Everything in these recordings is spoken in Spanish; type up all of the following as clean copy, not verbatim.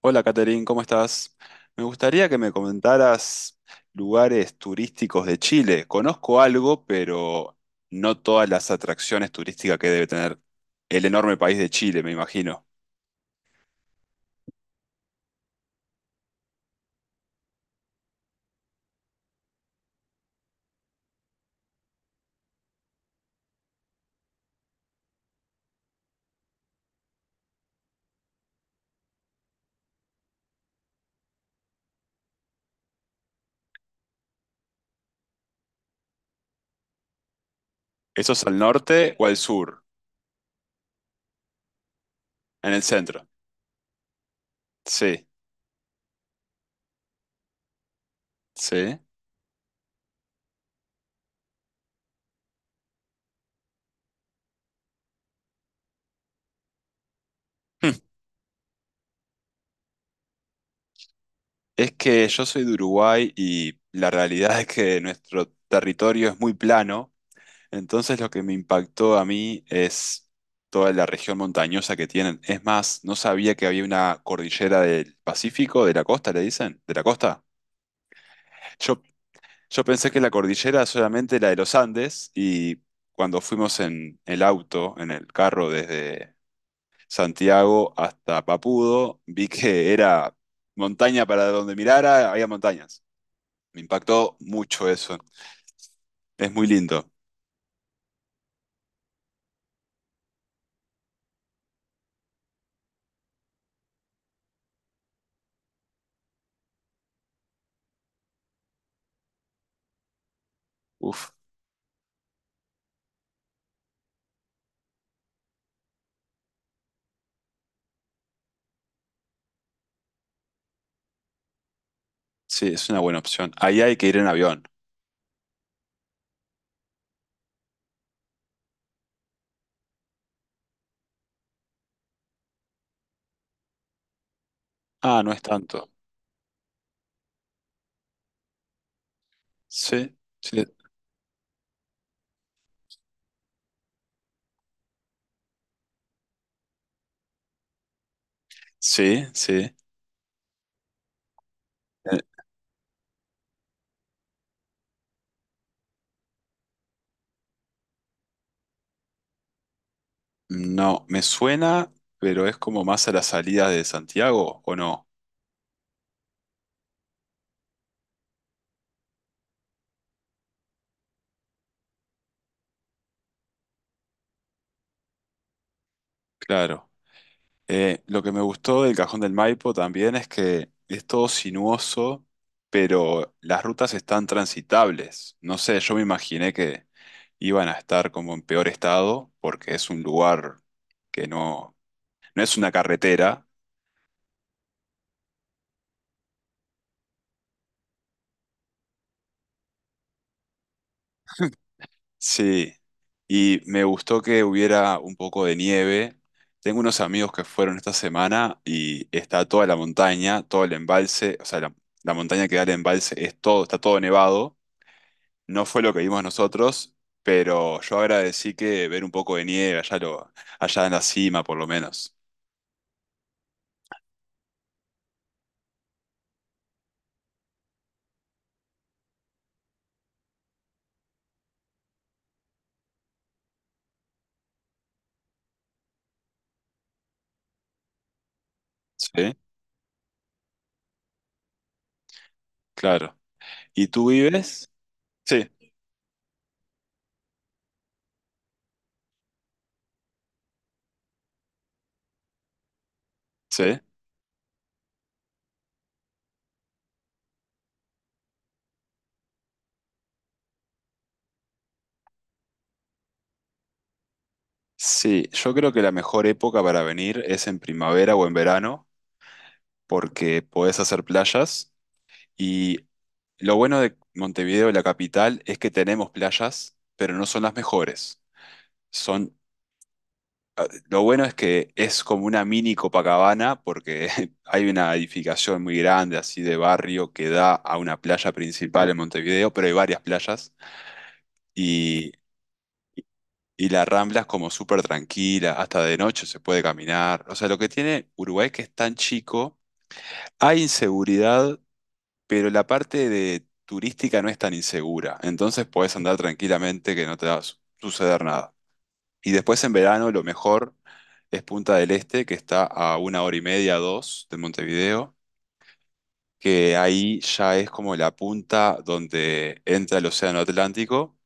Hola, Caterín, ¿cómo estás? Me gustaría que me comentaras lugares turísticos de Chile. Conozco algo, pero no todas las atracciones turísticas que debe tener el enorme país de Chile, me imagino. ¿Eso es al norte o al sur? En el centro. Sí, sí. Hmm. Es que yo soy de Uruguay y la realidad es que nuestro territorio es muy plano. Entonces lo que me impactó a mí es toda la región montañosa que tienen. Es más, no sabía que había una cordillera del Pacífico, de la costa, le dicen, de la costa. Yo, yo pensé que la cordillera solamente la de los Andes y cuando fuimos en el auto, en el carro desde Santiago hasta Papudo, vi que era montaña para donde mirara, había montañas. Me impactó mucho eso. Es muy lindo. Uf, sí, es una buena opción. Ahí hay que ir en avión. Ah, no es tanto. Sí, sí, sí, sí. Eh, No, me suena, pero es como más a la salida de Santiago, ¿o no? Claro. Lo que me gustó del Cajón del Maipo también es que es todo sinuoso, pero las rutas están transitables. No sé, yo me imaginé que iban a estar como en peor estado, porque es un lugar que no, no es una carretera. Sí, y me gustó que hubiera un poco de nieve. Tengo unos amigos que fueron esta semana y está toda la montaña, todo el embalse, o sea, la montaña que da el embalse es todo, está todo nevado. No fue lo que vimos nosotros, pero yo agradecí que ver un poco de nieve allá, lo, allá en la cima, por lo menos. Sí, claro. ¿Y tú vives? Sí, sí. Sí, yo creo que la mejor época para venir es en primavera o en verano, porque podés hacer playas. Y lo bueno de Montevideo, la capital, es que tenemos playas, pero no son las mejores. Son, lo bueno es que es como una mini Copacabana, porque hay una edificación muy grande, así de barrio, que da a una playa principal en Montevideo, pero hay varias playas. Y, y la Rambla es como súper tranquila, hasta de noche se puede caminar. O sea, lo que tiene Uruguay es que es tan chico, hay inseguridad pero la parte de turística no es tan insegura, entonces podés andar tranquilamente que no te va a suceder nada. Y después en verano lo mejor es Punta del Este, que está a una hora y media, dos de Montevideo, que ahí ya es como la punta donde entra el Océano Atlántico,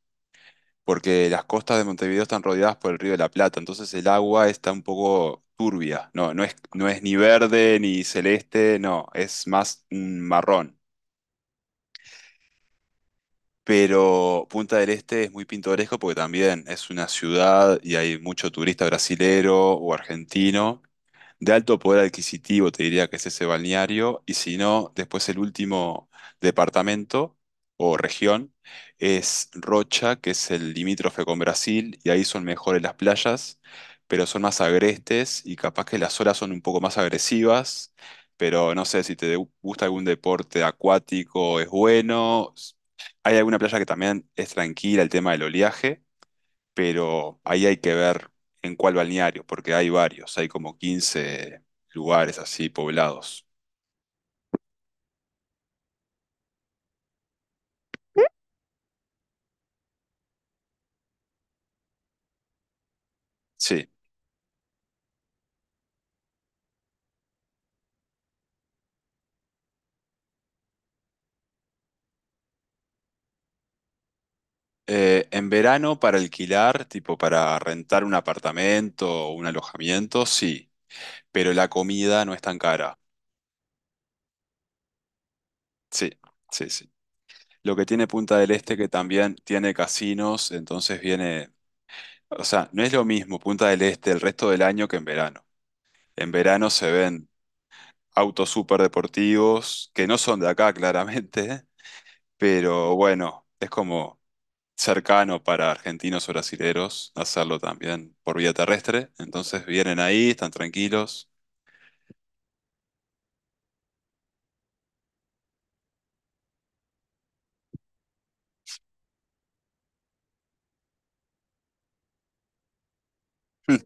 porque las costas de Montevideo están rodeadas por el Río de la Plata, entonces el agua está un poco turbia, no, no es, no es ni verde ni celeste, no, es más un marrón. Pero Punta del Este es muy pintoresco porque también es una ciudad y hay mucho turista brasilero o argentino de alto poder adquisitivo, te diría que es ese balneario, y si no, después el último departamento o región es Rocha, que es el limítrofe con Brasil, y ahí son mejores las playas, pero son más agrestes y capaz que las olas son un poco más agresivas, pero no sé si te gusta algún deporte acuático, es bueno. Hay alguna playa que también es tranquila, el tema del oleaje pero ahí hay que ver en cuál balneario, porque hay varios, hay como 15 lugares así poblados. Sí. En verano para alquilar, tipo para rentar un apartamento o un alojamiento, sí, pero la comida no es tan cara. Sí, sí, sí. Lo que tiene Punta del Este que también tiene casinos, entonces viene, o sea, no es lo mismo Punta del Este el resto del año que en verano. En verano se ven autos súper deportivos, que no son de acá claramente. Pero bueno, es como cercano para argentinos o brasileros hacerlo también por vía terrestre. Entonces vienen ahí, están tranquilos. Mm.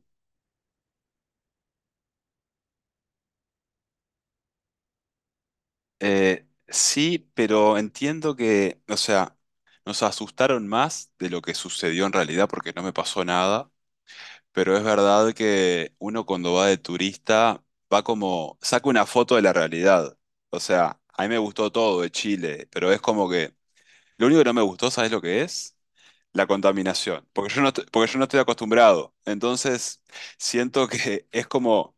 Sí, pero entiendo que, o sea, nos asustaron más de lo que sucedió en realidad porque no me pasó nada. Pero es verdad que uno cuando va de turista va como, saca una foto de la realidad. O sea, a mí me gustó todo de Chile, pero es como que lo único que no me gustó, ¿sabes lo que es? La contaminación, porque yo no, porque yo no estoy acostumbrado. Entonces, siento que es como,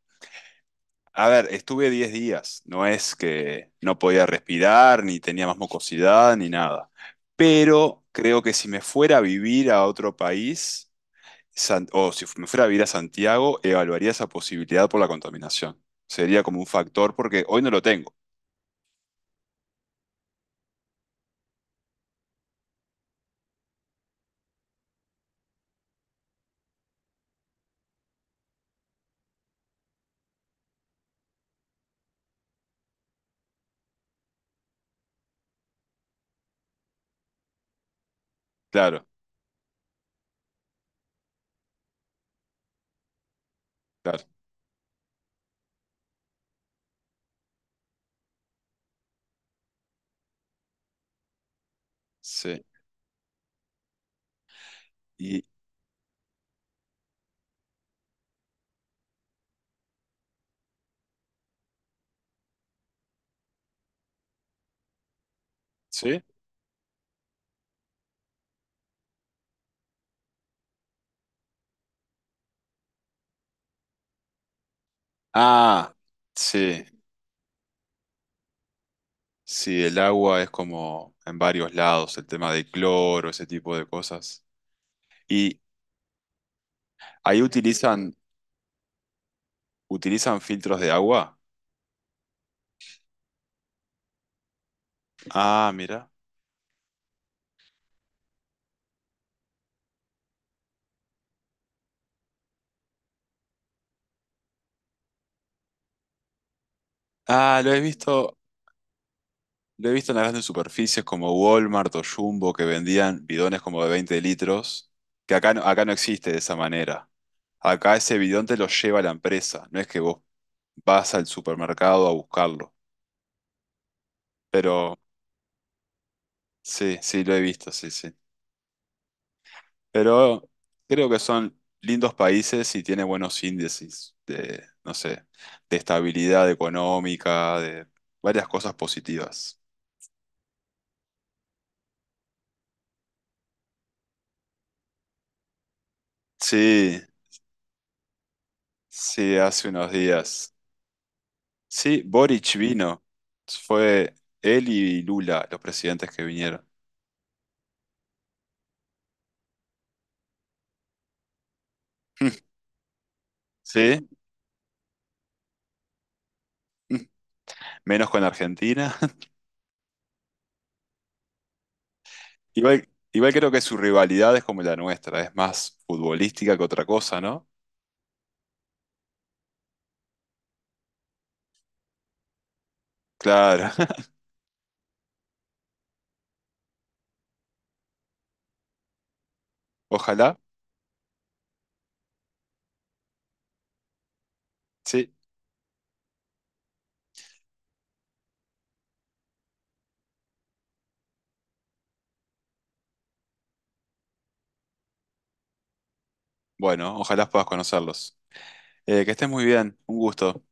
a ver, estuve 10 días, no es que no podía respirar, ni tenía más mucosidad, ni nada. Pero creo que si me fuera a vivir a otro país, o si me fuera a vivir a Santiago, evaluaría esa posibilidad por la contaminación. Sería como un factor, porque hoy no lo tengo. Claro, claro. Sí. Y, ¿sí? Ah, sí. Sí, el agua es como en varios lados, el tema de cloro, ese tipo de cosas. Y ahí utilizan filtros de agua. Ah, mira. Ah, lo he visto en las grandes superficies como Walmart o Jumbo que vendían bidones como de 20 litros, que acá no existe de esa manera. Acá ese bidón te lo lleva la empresa, no es que vos vas al supermercado a buscarlo. Pero sí, sí, lo he visto, sí, sí. Pero creo que son lindos países y tiene buenos índices de, no sé, de estabilidad económica, de varias cosas positivas. Sí, sí, hace unos días. Sí, Boric vino. Fue él y Lula los presidentes que vinieron. Sí, menos con Argentina. Igual, igual creo que su rivalidad es como la nuestra, es más futbolística que otra cosa, ¿no? Claro. Ojalá, sí. Bueno, ojalá puedas conocerlos. Que estés muy bien, un gusto.